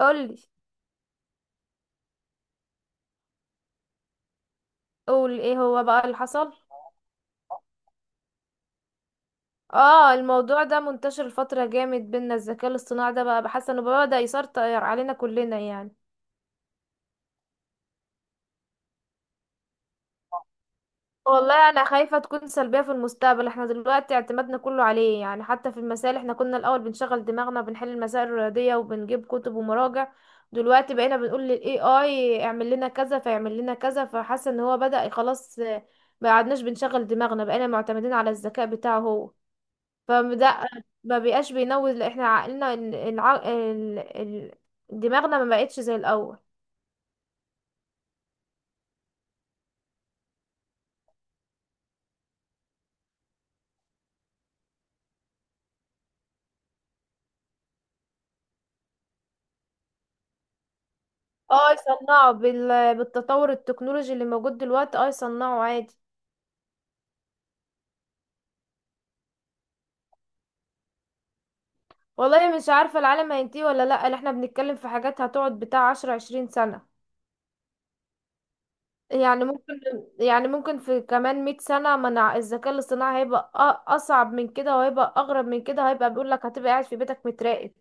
قولي قولي. ايه هو بقى اللي حصل؟ اه، الموضوع ده منتشر الفترة جامد بينا. الذكاء الاصطناعي ده بقى بحس انه بدأ يسيطر علينا كلنا يعني. والله انا خايفة تكون سلبية في المستقبل، احنا دلوقتي اعتمادنا كله عليه يعني. حتى في المسائل، احنا كنا الاول بنشغل دماغنا، بنحل المسائل الرياضية وبنجيب كتب ومراجع. دلوقتي بقينا بنقول لل AI اعمل لنا كذا فيعمل لنا كذا، فحاسة ان هو بدأ خلاص. ما قعدناش بنشغل دماغنا، بقينا معتمدين على الذكاء بتاعه هو. فده ما بقاش بينوز، لأ، احنا عقلنا دماغنا ما بقتش زي الاول. اه يصنعوا بالتطور التكنولوجي اللي موجود دلوقتي. اه يصنعوا عادي. والله مش عارفة العالم هينتهي ولا لأ. اللي احنا بنتكلم في حاجات هتقعد بتاع 10 20 سنة يعني. ممكن يعني، ممكن في كمان 100 سنة منع الذكاء الاصطناعي هيبقى أصعب من كده، وهيبقى أغرب من كده. هيبقى بيقول لك هتبقى قاعد في بيتك متراقب.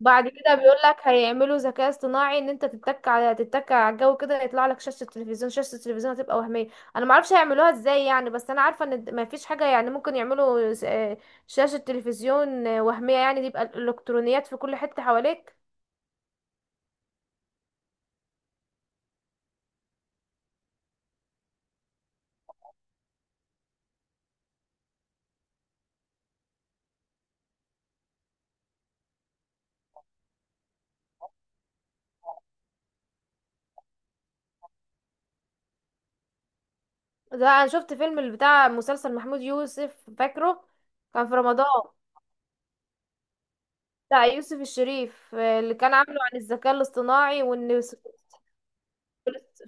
بعد كده بيقول لك هيعملوا ذكاء اصطناعي ان انت تتك على تتك على الجو كده يطلع لك شاشه التلفزيون. شاشه التلفزيون هتبقى وهميه. انا ما اعرفش هيعملوها ازاي يعني، بس انا عارفه ان ما فيش حاجه. يعني ممكن يعملوا شاشه تلفزيون وهميه يعني. دي يبقى الالكترونيات في كل حته حواليك. ده انا شفت فيلم اللي بتاع مسلسل محمود يوسف، فاكره كان في رمضان؟ بتاع يوسف الشريف، اللي كان عامله عن الذكاء الاصطناعي، وان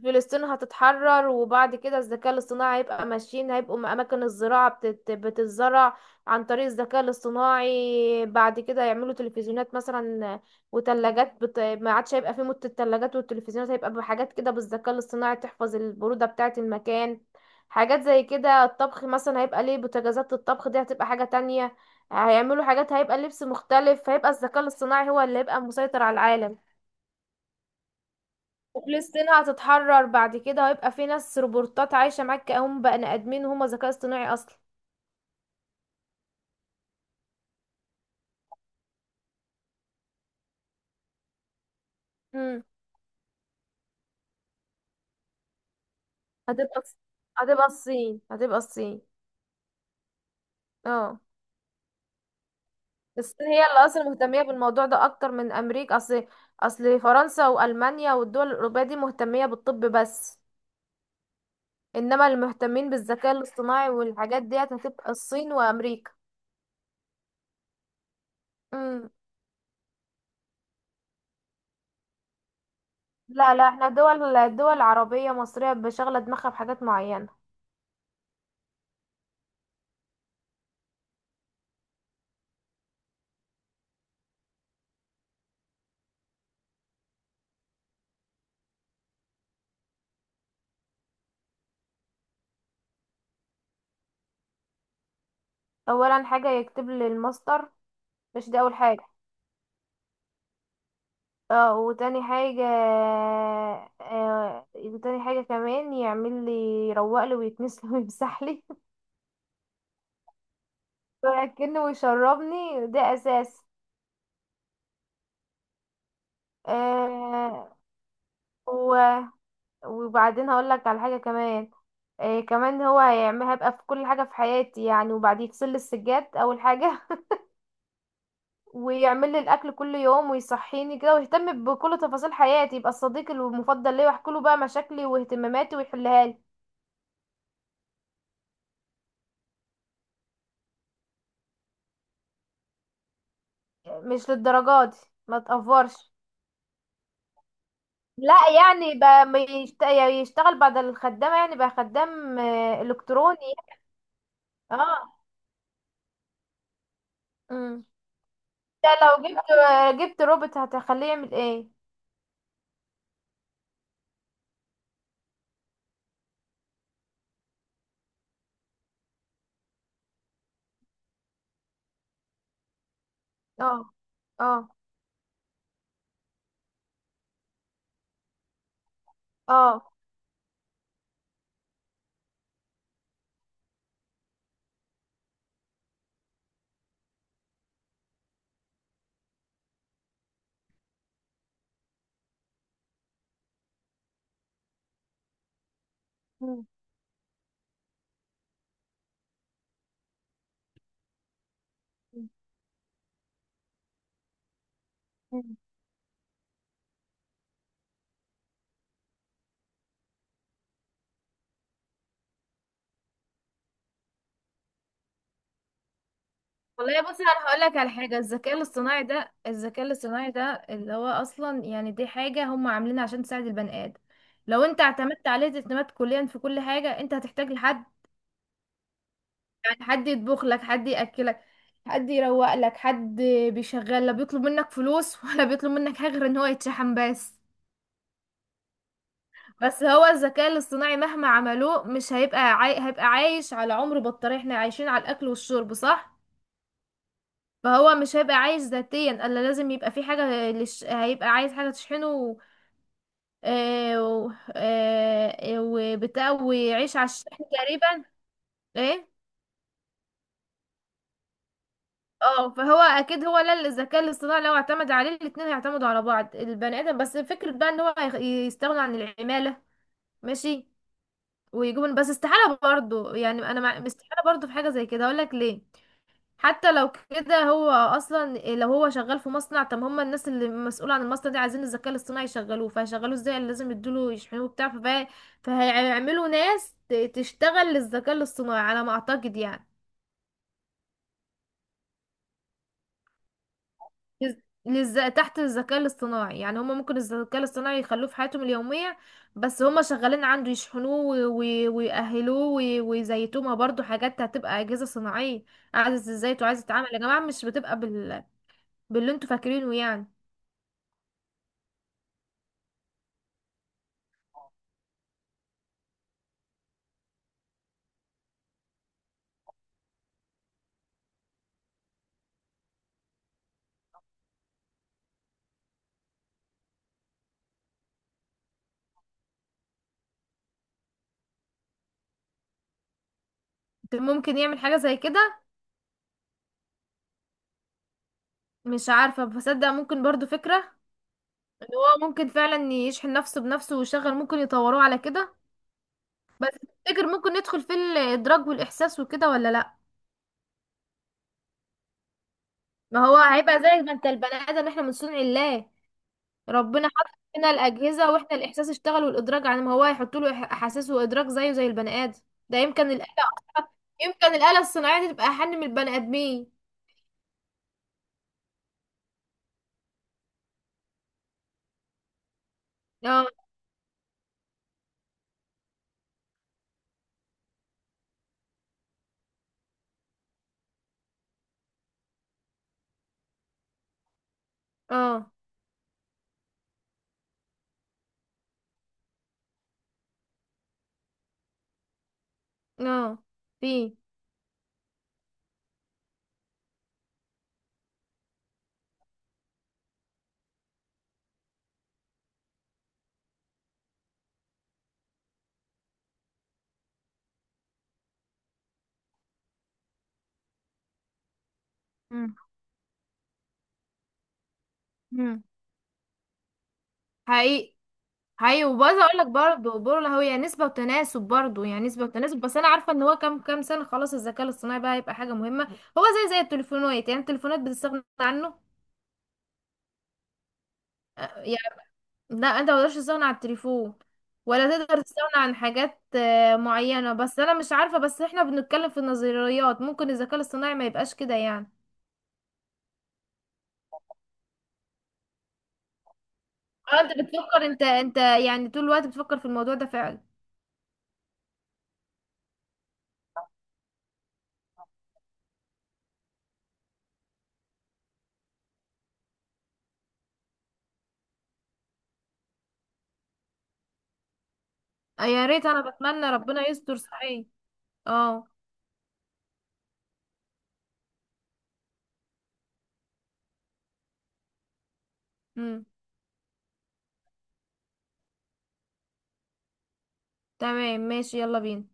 فلسطين هتتحرر. وبعد كده الذكاء الاصطناعي هيبقى ماشيين، هيبقوا أماكن الزراعة بتتزرع عن طريق الذكاء الاصطناعي. بعد كده يعملوا تلفزيونات مثلا وتلاجات ما عادش هيبقى في مدة. التلاجات والتلفزيونات هيبقى بحاجات كده بالذكاء الاصطناعي، تحفظ البرودة بتاعة المكان. حاجات زي كده. الطبخ مثلا هيبقى ليه بوتاجازات، الطبخ دي هتبقى حاجة تانية. هيعملوا حاجات، هيبقى لبس مختلف. هيبقى الذكاء الاصطناعي هو اللي هيبقى مسيطر على العالم. وفلسطين هتتحرر بعد كده، وهيبقى في ناس روبوتات عايشة معاك كأنهم بني آدمين وهم ذكاء اصطناعي أصلا. امم، هتبقى هتبقى الصين. هتبقى الصين. اه. الصين هي اللي اصلا مهتمية بالموضوع ده اكتر من امريكا. اصل فرنسا والمانيا والدول الاوروبية دي مهتمية بالطب بس. انما اللي مهتمين بالذكاء الاصطناعي والحاجات ديت هتبقى الصين وامريكا. امم. لا لا، احنا دول عربية مصرية بشغلة دماغها بحاجات معينة. اولا حاجة يكتب لي الماستر، مش دي اول حاجة. اه، وتاني حاجة، آه تاني حاجة كمان يعمل لي، يروق لي ويكنس لي ويمسح لي. وياكلني ويشربني، ده اساس. آه و- وبعدين هقول لك على حاجة كمان. آه كمان، هو هيعمل هبقى في كل حاجة في حياتي يعني. وبعد يغسل لي السجاد اول حاجة. ويعمل لي الاكل كل يوم، ويصحيني كده، ويهتم بكل تفاصيل حياتي. يبقى الصديق المفضل ليا، واحكي له بقى مشاكلي واهتماماتي ويحلها لي. مش للدرجات دي، ما تقفرش. لا يعني بقى ما يشت- يشتغل بعد الخدامة، يعني بقى خدام، إلكتروني. اه. امم. ده لو جبت، جبت روبوت هتخليه يعمل ايه؟ اه. اه. اه. مم. مم. والله بصي، انا هقول لك على حاجه. الذكاء الاصطناعي ده، الذكاء الاصطناعي ده اللي هو اصلا يعني دي حاجه هم عاملينها عشان تساعد البني ادم. لو انت اعتمدت عليه اعتماد كليا في كل حاجه، انت هتحتاج لحد يعني. حد يطبخ لك، حد ياكلك، حد يروق لك، حد بيشغل. لا بيطلب منك فلوس ولا بيطلب منك حاجه غير ان هو يتشحن بس. بس هو الذكاء الاصطناعي مهما عملوه مش هيبقى هيبقى عايش على عمر بطارية. احنا عايشين على الاكل والشرب، صح؟ فهو مش هيبقى عايش ذاتيا الا لازم يبقى في حاجه هيبقى عايز حاجه تشحنه. و... آه، و... آه، آه، وبتاع، ويعيش على الشحن تقريبا. ايه اه. فهو اكيد هو، لا الذكاء الاصطناعي لو اعتمد عليه، الاتنين هيعتمدوا على بعض. البني ادم بس فكرة بقى ان هو يستغنوا عن العمالة، ماشي، ويجيبوا بس. استحالة برضو يعني. انا استحالة برضو في حاجة زي كده. اقول لك ليه. حتى لو كده، هو اصلا لو هو شغال في مصنع، طب هم الناس اللي مسؤولة عن المصنع دي عايزين الذكاء الاصطناعي يشغلوه. فهيشغلوه ازاي يعني؟ لازم يدوله يشحنوه بتاع. فهيعملوا ناس تشتغل للذكاء الاصطناعي على ما اعتقد يعني. لز... تحت الذكاء الاصطناعي يعني. هما ممكن الذكاء الاصطناعي يخلوه في حياتهم اليومية، بس هما شغالين عنده، يشحنوه ويأهلوه ويزيتوه. ما برضه حاجات هتبقى أجهزة صناعية، عايزة تزيت وعايزة تتعامل يا جماعة. مش بتبقى باللي انتوا فاكرينه يعني. ممكن يعمل حاجة زي كده. مش عارفة بصدق، ممكن برضه فكرة ان هو ممكن فعلا يشحن نفسه بنفسه ويشغل. ممكن يطوروه على كده بس. تفتكر ممكن ندخل في الإدراك والإحساس وكده ولا لأ؟ ما هو هيبقى زي ما انت، البني ادم احنا من صنع الله. ربنا حط فينا الأجهزة، واحنا الإحساس اشتغل والإدراك. عن ما هو هيحط له أحاسيس وإدراك زيه زي البني آدم. ده يمكن الآلة أصلا، يمكن الآلة الصناعية دي تبقى أحن من البني آدمين. اه. اه. اه. في. مم. مم. حقيقي، حقيقي. وبرضه اقول لك برضه، برضه هو يعني نسبة وتناسب، برضه يعني نسبة وتناسب. بس انا عارفة ان هو كام كام سنة خلاص الذكاء الاصطناعي بقى هيبقى حاجة مهمة. هو زي زي التليفونات يعني. التليفونات بتستغنى عنه. آه، لا انت مقدرش تستغنى عن التليفون، ولا تقدر تستغنى عن حاجات معينة بس. انا مش عارفة، بس احنا بنتكلم في النظريات. ممكن الذكاء الاصطناعي ما يبقاش كده يعني. اه انت بتفكر، انت يعني طول الوقت بتفكر في الموضوع ده فعلا. يا ريت، انا بتمنى ربنا يستر صحيح. اه. امم. تمام، ماشي، يلا بينا.